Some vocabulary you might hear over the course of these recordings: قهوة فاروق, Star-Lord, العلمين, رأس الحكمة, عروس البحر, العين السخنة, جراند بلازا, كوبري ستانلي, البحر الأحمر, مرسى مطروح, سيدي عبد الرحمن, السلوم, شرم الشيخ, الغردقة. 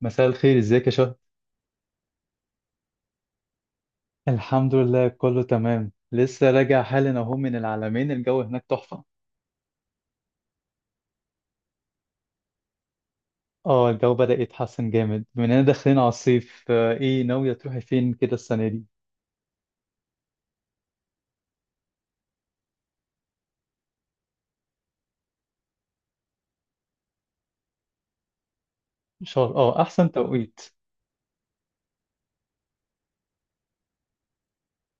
مساء الخير، ازيك يا شهد؟ الحمد لله، كله تمام. لسه راجع حالا اهو من العلمين، الجو هناك تحفة. اه، الجو بدأ يتحسن جامد بما اننا داخلين على الصيف. ايه ناوية تروحي فين كده السنة دي؟ ان شاء الله. اه احسن توقيت.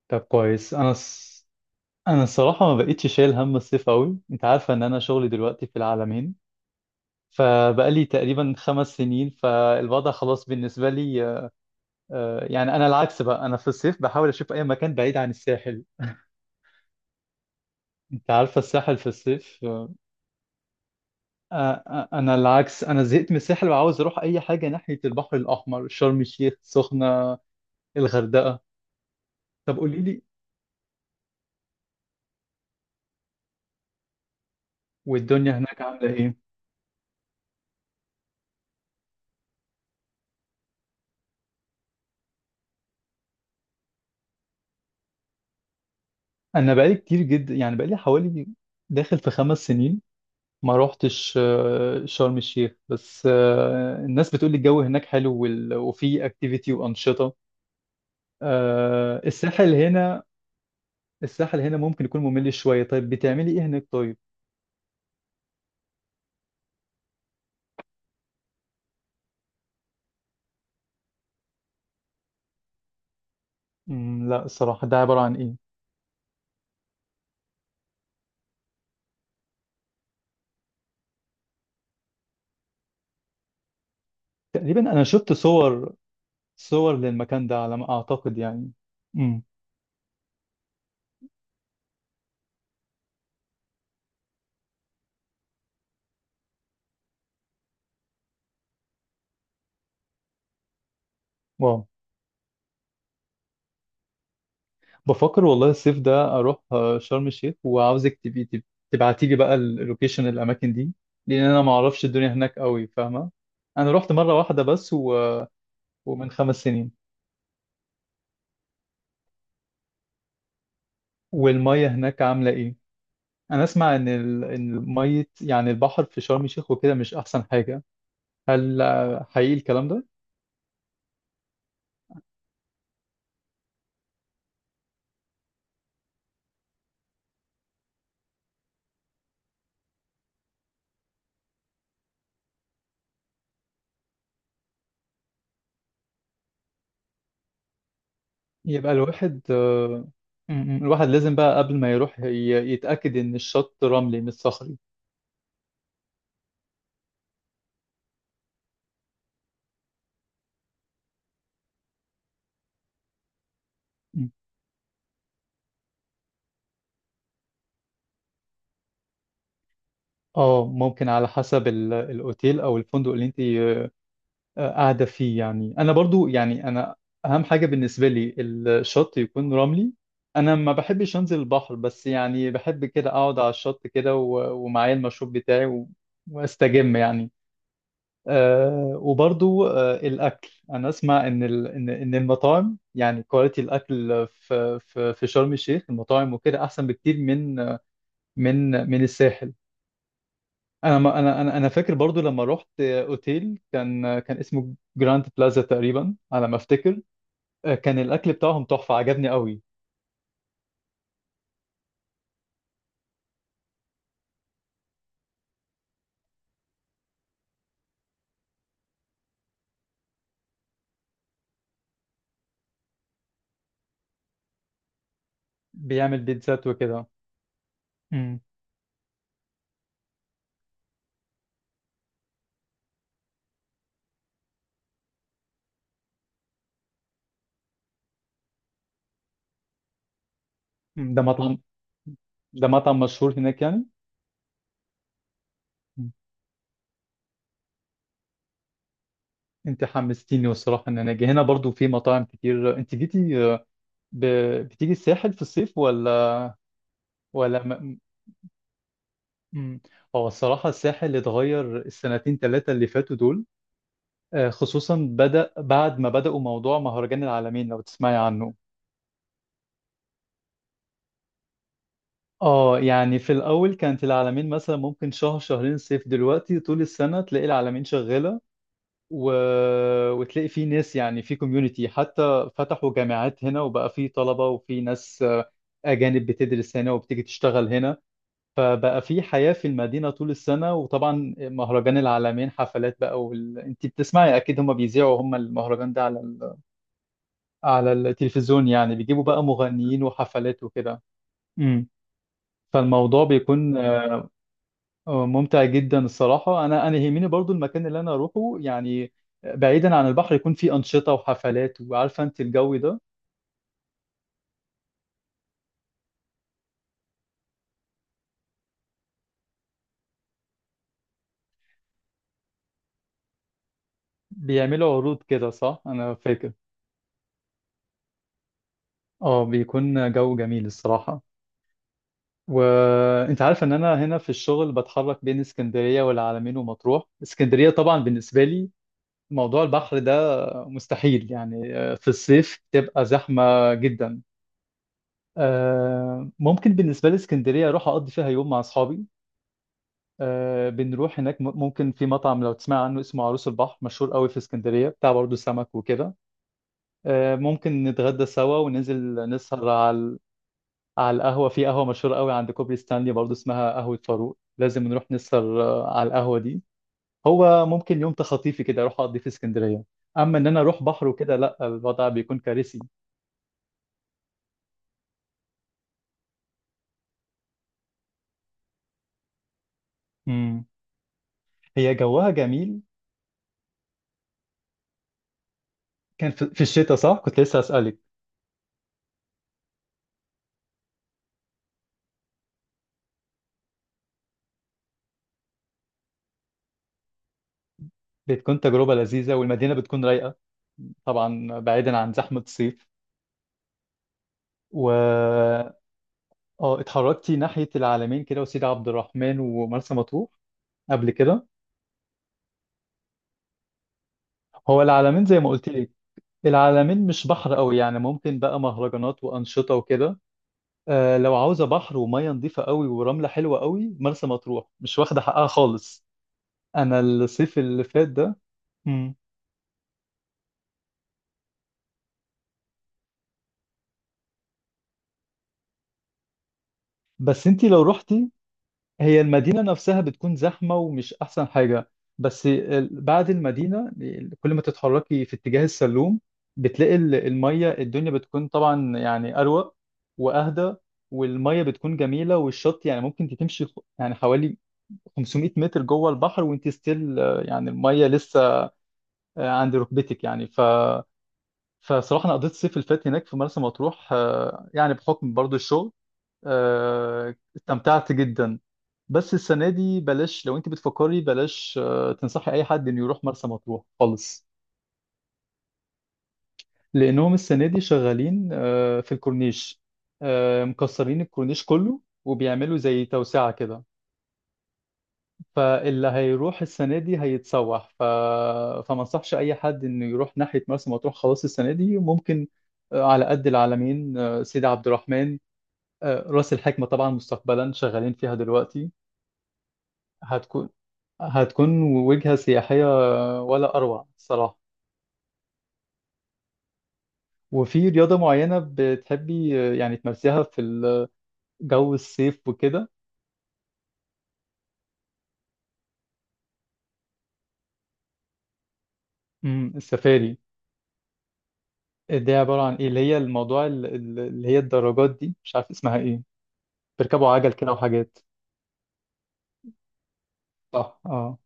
طب كويس. انا الصراحة ما بقتش شايل هم الصيف قوي. انت عارفة ان انا شغلي دلوقتي في العلمين، فبقالي تقريبا 5 سنين، فالوضع خلاص بالنسبة لي. يعني انا العكس بقى، انا في الصيف بحاول اشوف اي مكان بعيد عن الساحل. انت عارفة الساحل في الصيف. انا العكس، انا زهقت من الساحل وعاوز اروح اي حاجه ناحيه البحر الاحمر، شرم الشيخ، سخنه، الغردقه. طب قولي لي، والدنيا هناك عامله ايه؟ انا بقالي كتير جدا، يعني بقالي حوالي داخل في 5 سنين ما روحتش شرم الشيخ. بس الناس بتقول لي الجو هناك حلو وفي اكتيفيتي وانشطه. الساحل هنا، الساحل هنا ممكن يكون ممل شويه. طيب بتعملي ايه هناك؟ طيب. مم، لا. الصراحه ده عباره عن ايه؟ تقريبا انا شفت صور، صور للمكان ده على ما أعتقد يعني. امم. واو. بفكر والله الصيف ده أروح شرم الشيخ، وعاوزك تبقي تبعتي لي بقى اللوكيشن، الأماكن دي، لأن أنا ما أعرفش الدنيا هناك قوي، فاهمة؟ أنا رحت مرة واحدة بس ومن 5 سنين. والمية هناك عاملة إيه؟ أنا أسمع إن المية، يعني البحر في شرم الشيخ وكده مش أحسن حاجة. هل حقيقي الكلام ده؟ يبقى الواحد، آه، م- م، الواحد لازم بقى قبل ما يروح يتأكد إن الشط رملي مش صخري. اه، ممكن على حسب الاوتيل او الفندق اللي انت قاعده فيه. يعني انا برضو، يعني انا اهم حاجه بالنسبه لي الشط يكون رملي. انا ما بحبش انزل البحر، بس يعني بحب كده اقعد على الشط كده، ومعايا المشروب بتاعي واستجم يعني. أه، وبرضو أه الاكل، انا اسمع ان ال- ان إن المطاعم، يعني كواليتي الاكل في شرم الشيخ، المطاعم وكده احسن بكتير من من الساحل. ما انا فاكر برضو لما رحت اوتيل كان اسمه جراند بلازا تقريبا على ما افتكر. كان الاكل بتاعهم تحفه، عجبني قوي. بيعمل بيتزات وكده. امم. ده مطعم ده مطعم مشهور هناك يعني؟ مم. انت حمستيني، والصراحه ان انا اجي هنا برضو في مطاعم كتير. انت جيتي ب... بتيجي الساحل في الصيف ولا؟ ولا م... مم. هو الصراحه الساحل اتغير السنتين ثلاثه اللي فاتوا دول، خصوصا بدأ بعد ما بدأوا موضوع مهرجان العالمين لو تسمعي عنه. اه، يعني في الأول كانت العلمين مثلا ممكن شهر شهرين صيف، دلوقتي طول السنة تلاقي العلمين شغالة، و... وتلاقي في ناس، يعني في كوميونتي. حتى فتحوا جامعات هنا وبقى في طلبة وفي ناس أجانب بتدرس هنا وبتيجي تشتغل هنا. فبقى في حياة في المدينة طول السنة. وطبعا مهرجان العلمين، حفلات بقى، انت بتسمعي أكيد، هما بيذيعوا هما المهرجان ده على التلفزيون، يعني بيجيبوا بقى مغنيين وحفلات وكده. امم. فالموضوع بيكون ممتع جدا الصراحة. أنا يهمني برضو المكان اللي أنا أروحه يعني، بعيدا عن البحر، يكون فيه أنشطة وحفلات، وعارفة أنت الجو ده. بيعملوا عروض كده، صح؟ أنا فاكر. أه، بيكون جو جميل الصراحة. وأنت عارف إن أنا هنا في الشغل بتحرك بين اسكندرية والعلمين ومطروح. اسكندرية طبعا بالنسبة لي موضوع البحر ده مستحيل يعني، في الصيف تبقى زحمة جدا. ممكن بالنسبة لي اسكندرية أروح أقضي فيها يوم مع أصحابي. بنروح هناك ممكن في مطعم، لو تسمع عنه، اسمه عروس البحر، مشهور قوي في اسكندرية، بتاع برضه سمك وكده. ممكن نتغدى سوا، وننزل نسهر على القهوة. في قهوة مشهورة قوي عند كوبري ستانلي، برضه اسمها قهوة فاروق، لازم نروح نسهر على القهوة دي. هو ممكن يوم تخطيفي كده اروح اقضي في اسكندرية، اما ان انا اروح بحر وكده لا، الوضع بيكون كارثي. مم. هي جوها جميل. كان في الشتاء، صح؟ كنت لسه اسالك. بتكون تجربة لذيذة، والمدينة بتكون رايقة، طبعا بعيدا عن زحمة الصيف. و اه، اتحركتي ناحية العلمين كده وسيدي عبد الرحمن ومرسى مطروح قبل كده؟ هو العلمين زي ما قلت لك، العلمين مش بحر قوي، يعني ممكن بقى مهرجانات وأنشطة وكده. لو عاوزة بحر ومية نظيفة قوي ورملة حلوة قوي، مرسى مطروح مش واخدة حقها خالص. أنا الصيف اللي فات ده. مم. بس انتي لو رحتي، هي المدينة نفسها بتكون زحمة ومش أحسن حاجة، بس بعد المدينة كل ما تتحركي في اتجاه السلوم بتلاقي المية، الدنيا بتكون طبعا يعني أروق وأهدى، والمية بتكون جميلة، والشط يعني ممكن انت تمشي يعني حوالي 500 متر جوه البحر وانت ستيل، يعني المية لسه عند ركبتك يعني. فصراحة أنا قضيت الصيف اللي فات هناك في مرسى مطروح، يعني بحكم برضو الشغل، استمتعت جدا. بس السنة دي بلاش، لو انت بتفكري بلاش تنصحي اي حد انه يروح مرسى مطروح خالص. لانهم السنة دي شغالين في الكورنيش، مكسرين الكورنيش كله وبيعملوا زي توسعة كده. فاللي هيروح السنة دي هيتسوح. فما انصحش اي حد انه يروح ناحية مرسى مطروح خلاص السنة دي. ممكن على قد العلمين، سيدي عبد الرحمن، راس الحكمة. طبعا مستقبلا شغالين فيها دلوقتي، هتكون هتكون وجهة سياحية، ولا أروع الصراحة. وفي رياضة معينة بتحبي يعني تمارسيها في جو الصيف وكده؟ السفاري، دي عبارة عن إيه؟ اللي هي الموضوع اللي هي الدراجات دي، مش عارف اسمها إيه، بيركبوا عجل كده وحاجات؟ صح، اه.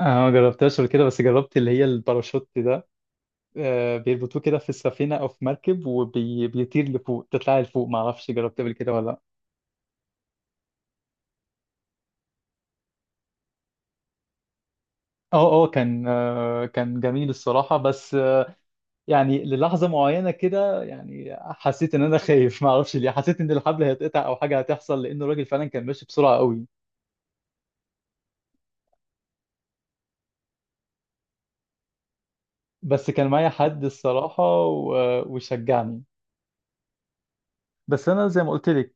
انا ما جربتهاش قبل كده، بس جربت اللي هي الباراشوت ده. بيربطوه كده في السفينه او في مركب وبيطير لفوق، تطلع لفوق، ما اعرفش جربت قبل كده ولا لا. اه اه، كان كان جميل الصراحه، بس يعني للحظة معينة كده يعني حسيت ان انا خايف، ما اعرفش ليه، حسيت ان الحبل هيتقطع او حاجة هتحصل، لان الراجل فعلا كان ماشي بسرعة قوي. بس كان معايا حد الصراحة وشجعني. بس انا زي ما قلت لك،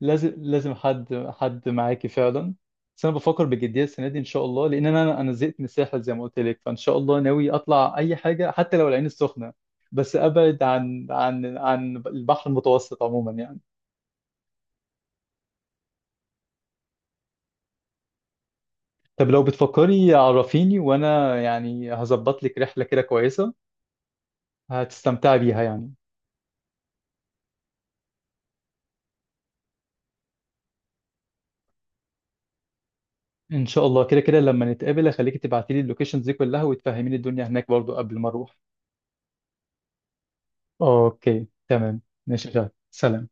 لازم لازم حد حد معاكي فعلا. بس انا بفكر بجدية السنة دي ان شاء الله، لان انا زهقت من الساحل زي ما قلت لك، فان شاء الله ناوي اطلع اي حاجة حتى لو العين السخنة، بس ابعد عن عن البحر المتوسط عموما يعني. طب لو بتفكري عرفيني وانا يعني هظبط لك رحله كده كويسه، هتستمتعي بيها يعني. ان شاء الله كده كده لما نتقابل هخليكي تبعتي لي اللوكيشنز دي كلها، وتفهميني الدنيا هناك برضو قبل ما اروح. اوكي تمام، ماشي يا شهد. سلام.